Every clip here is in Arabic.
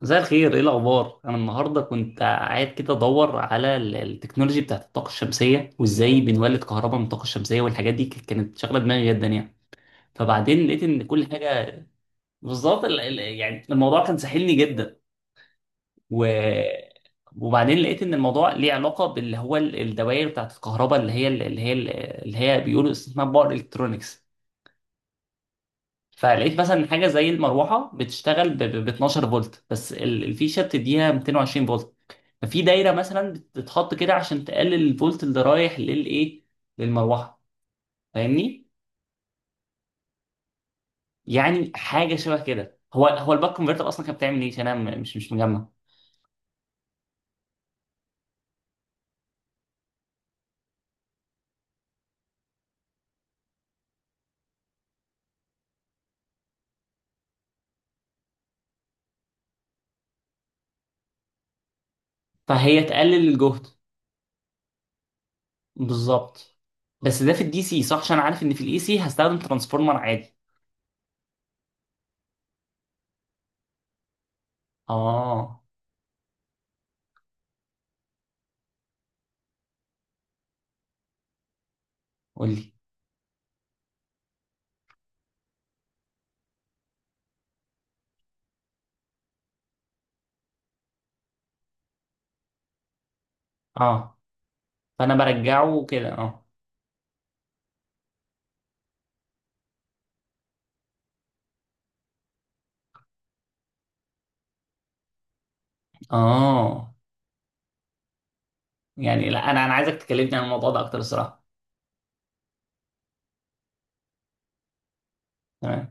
مساء الخير، ايه الاخبار؟ انا النهارده كنت قاعد كده ادور على التكنولوجي بتاعت الطاقه الشمسيه وازاي بنولد كهرباء من الطاقه الشمسيه، والحاجات دي كانت شاغله دماغي جدا يعني. فبعدين لقيت ان كل حاجه بالظبط. يعني الموضوع كان ساحلني جدا. و وبعدين لقيت ان الموضوع ليه علاقه باللي هو الدوائر بتاعت الكهرباء اللي هي اللي هي بيقولوا اسمها باور الكترونكس. فلقيت مثلا حاجه زي المروحه بتشتغل ب 12 فولت، بس الفيشه بتديها 220 فولت. ففي دايره مثلا بتتحط كده عشان تقلل الفولت اللي رايح للايه، للمروحه. فاهمني؟ يعني حاجه شبه كده. هو الباك كونفرتر اصلا كانت بتعمل ايه؟ عشان انا مش مجمع. فهي تقلل الجهد. بالظبط. بس ده في الدي سي صح؟ عشان انا عارف ان في الاي سي هستخدم ترانسفورمر عادي. اه. قول لي. اه. فانا برجعه كده، اه. اه يعني لا، انا عايزك تكلمني عن الموضوع ده اكتر الصراحه. تمام.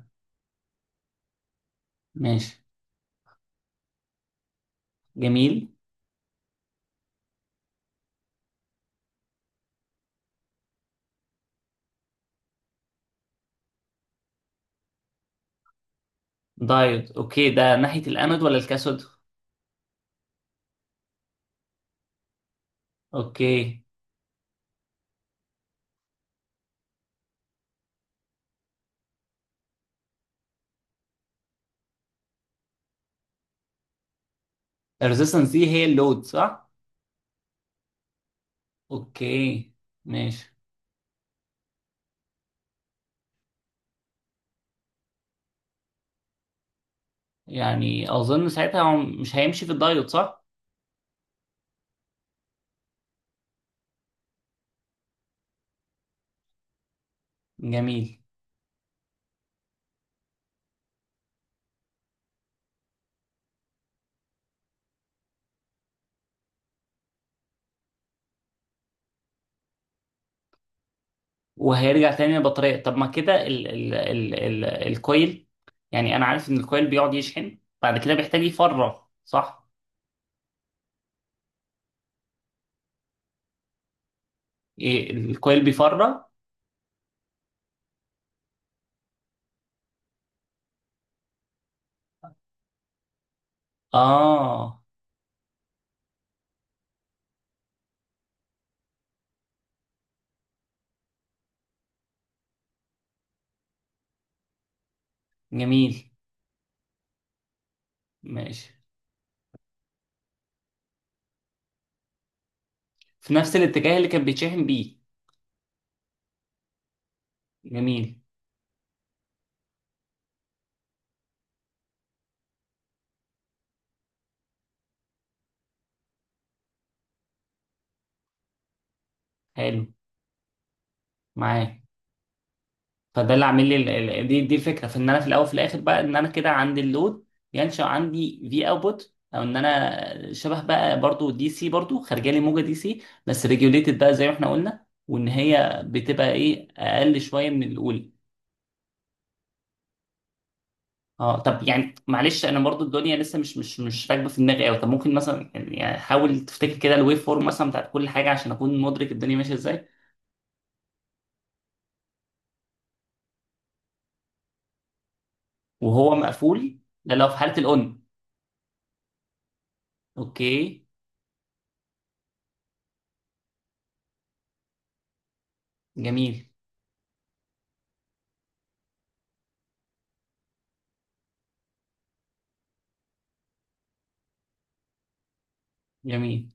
ماشي. جميل. دايود، اوكي. ده ناحيه الانود ولا الكاثود؟ اوكي. الريزيستنس دي هي اللود صح؟ اوكي، ماشي. يعني اظن ساعتها هو مش هيمشي في الدايود صح؟ جميل. وهيرجع تاني للبطاريه. طب ما كده ال ال ال ال الكويل، يعني انا عارف ان الكويل بيقعد يشحن بعد كده بيحتاج يفرغ صح؟ إيه، الكويل بيفرغ؟ اه. جميل. ماشي. في نفس الاتجاه اللي كان بيتشحن بيه. جميل. حلو. معاه. فده اللي عامل لي دي الفكره، في ان انا في الاول في الاخر بقى ان انا كده عندي اللود ينشا عندي في اوتبوت، او ان انا شبه بقى برضو دي سي، برضو خارجه لي موجه دي سي بس ريجوليتد بقى زي ما احنا قلنا، وان هي بتبقى ايه، اقل شويه من الاولى. اه طب يعني معلش، انا برضو الدنيا لسه مش راكبه في دماغي قوي. طب ممكن مثلا يعني حاول تفتكر كده الويف فورم مثلا بتاعت كل حاجه عشان اكون مدرك الدنيا ماشيه ازاي. وهو مقفول؟ لا، لو في حالة الأون. أوكي. جميل. جميل.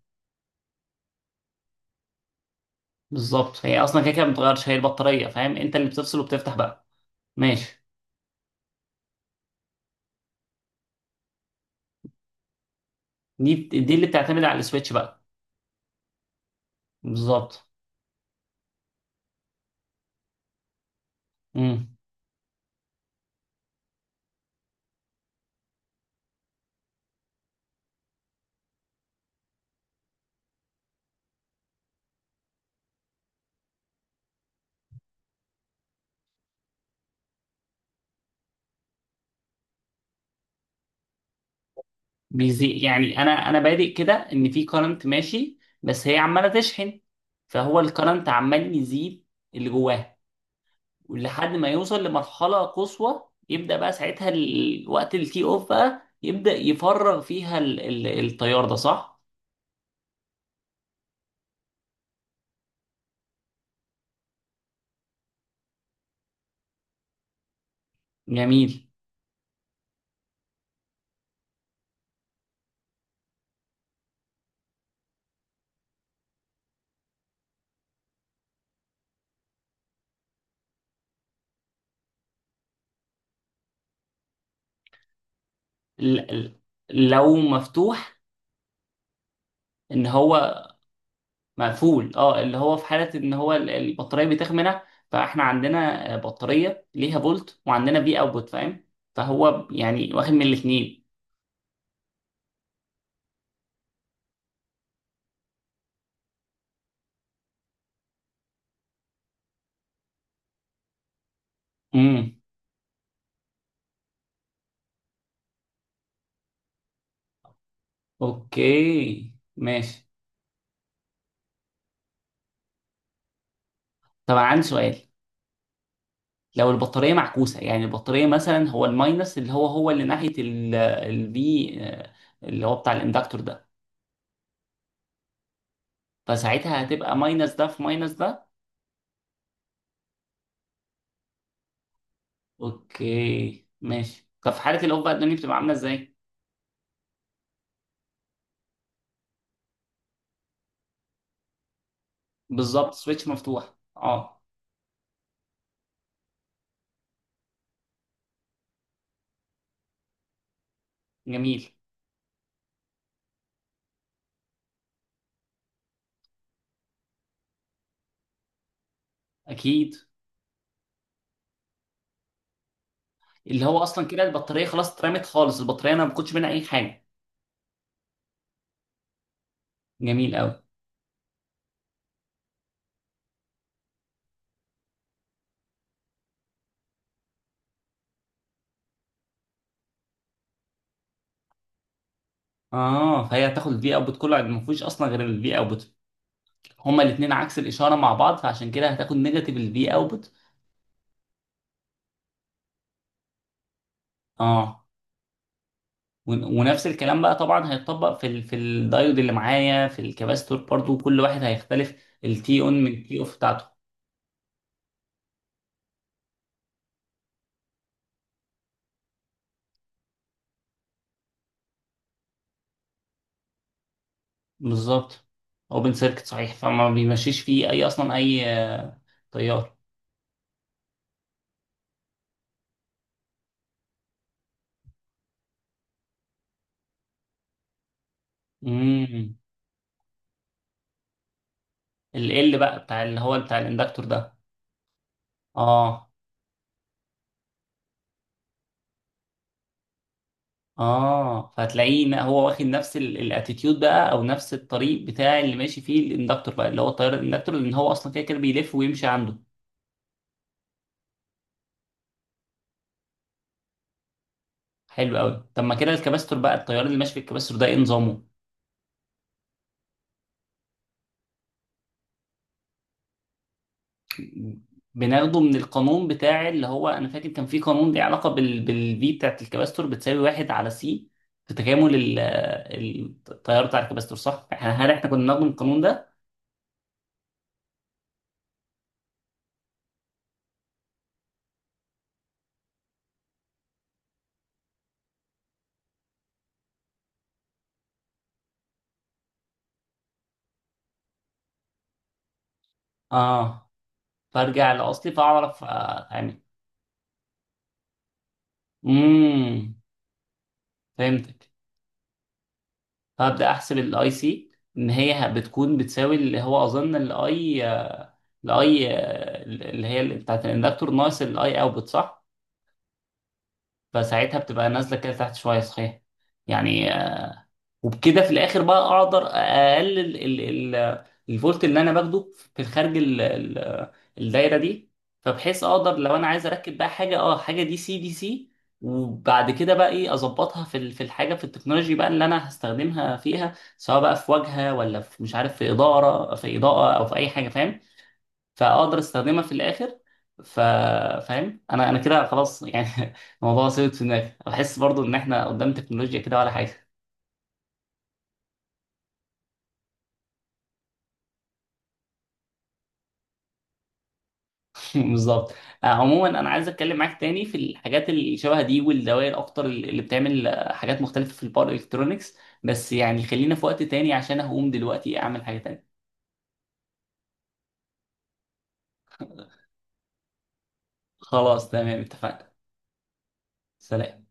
بالظبط، هي أصلا كده كده ما بتغيرش هي البطارية. فاهم؟ أنت اللي بتفصل وبتفتح بقى. ماشي. دي اللي بتعتمد على السويتش بقى. بالظبط. امم بيزي، يعني أنا بادئ كده إن في كرنت ماشي بس هي عمالة تشحن. فهو الكرنت عمال يزيد. اللي جواها. ولحد ما يوصل لمرحلة قصوى، يبدأ بقى ساعتها وقت التي أوف بقى يبدأ يفرغ فيها التيار ده صح؟ جميل. ال- ال- لو مفتوح، ان هو مقفول اه، اللي هو في حاله ان هو البطاريه بتخمنه. فاحنا عندنا بطاريه ليها فولت، وعندنا في اوتبوت. فاهم؟ فهو يعني واخد من الاثنين. امم اوكي ماشي. طب عندي سؤال، لو البطاريه معكوسه، يعني البطاريه مثلا هو الماينس اللي هو اللي ناحيه الفي، اللي هو بتاع الاندكتور ده، فساعتها هتبقى ماينس ده في ماينس ده. اوكي ماشي. طب في حالة الأوف بقى الدنيا بتبقى عاملة ازاي؟ بالظبط، سويتش مفتوح اه. جميل. أكيد. اللي هو أصلا كده البطارية خلاص اترمت خالص، البطارية أنا ما باخدش منها أي حاجة. جميل أوي. اه فهي هتاخد الفي اوتبوت كله، ما فيهوش اصلا غير الفي اوتبوت. هما الاثنين عكس الاشاره مع بعض، فعشان كده هتاخد نيجاتيف الفي اوتبوت. اه. ونفس الكلام بقى طبعا هيتطبق في ال في الدايود اللي معايا، في الكباستور برضو، كل واحد هيختلف التي اون من التي اوف بتاعته. بالظبط. اوبن سيركت صحيح، فما بيمشيش فيه اي، اصلا اي تيار. امم ال بقى بتاع اللي هو بتاع الاندكتور ده. اه. اه، فهتلاقيه إن هو واخد نفس الاتيتيود بقى او نفس الطريق بتاع اللي ماشي فيه الاندكتور بقى، اللي هو التيار الاندكتور، لان هو اصلا كده كده بيلف ويمشي عنده. حلو قوي. طب ما كده الكباستور بقى، التيار اللي ماشي في الكباستور ده ايه نظامه؟ بناخده من القانون بتاع اللي هو انا فاكر كان في قانون ليه علاقه بال بالفي بتاعت الكباستور، بتساوي واحد على سي في تكامل التيار بتاع الكباستور صح؟ احنا هل احنا كنا بناخده من القانون ده؟ اه فارجع لاصلي، فاعرف آه، يعني. امم فهمتك. فابدا احسب الاي سي ان هي بتكون بتساوي اللي هو اظن الاي، الاي اللي هي بتاعت الاندكتور ناقص الاي اوتبوت صح؟ فساعتها بتبقى نازله كده تحت شويه صحيح. يعني. وبكده في الاخر بقى اقدر اقلل ال ال الفولت اللي انا باخده في الخارج ال ال الدايره دي، فبحيث اقدر لو انا عايز اركب بقى حاجه اه حاجه دي سي دي سي، وبعد كده بقى ايه اظبطها في في الحاجه في التكنولوجي بقى اللي انا هستخدمها فيها، سواء بقى في واجهه ولا في مش عارف في اداره في اضاءه او في اي حاجه فاهم. فاقدر استخدمها في الاخر. ف فاهم؟ انا كده خلاص يعني. الموضوع ثابت في دماغي. بحس برضو ان احنا قدام تكنولوجيا كده ولا حاجه. بالظبط. آه، عموما انا عايز اتكلم معاك تاني في الحاجات اللي شبه دي والدوائر اكتر اللي بتعمل آه، حاجات مختلفه في الباور الكترونكس، بس يعني خلينا في وقت تاني عشان هقوم دلوقتي اعمل حاجه تانية. خلاص، تمام اتفقنا. سلام.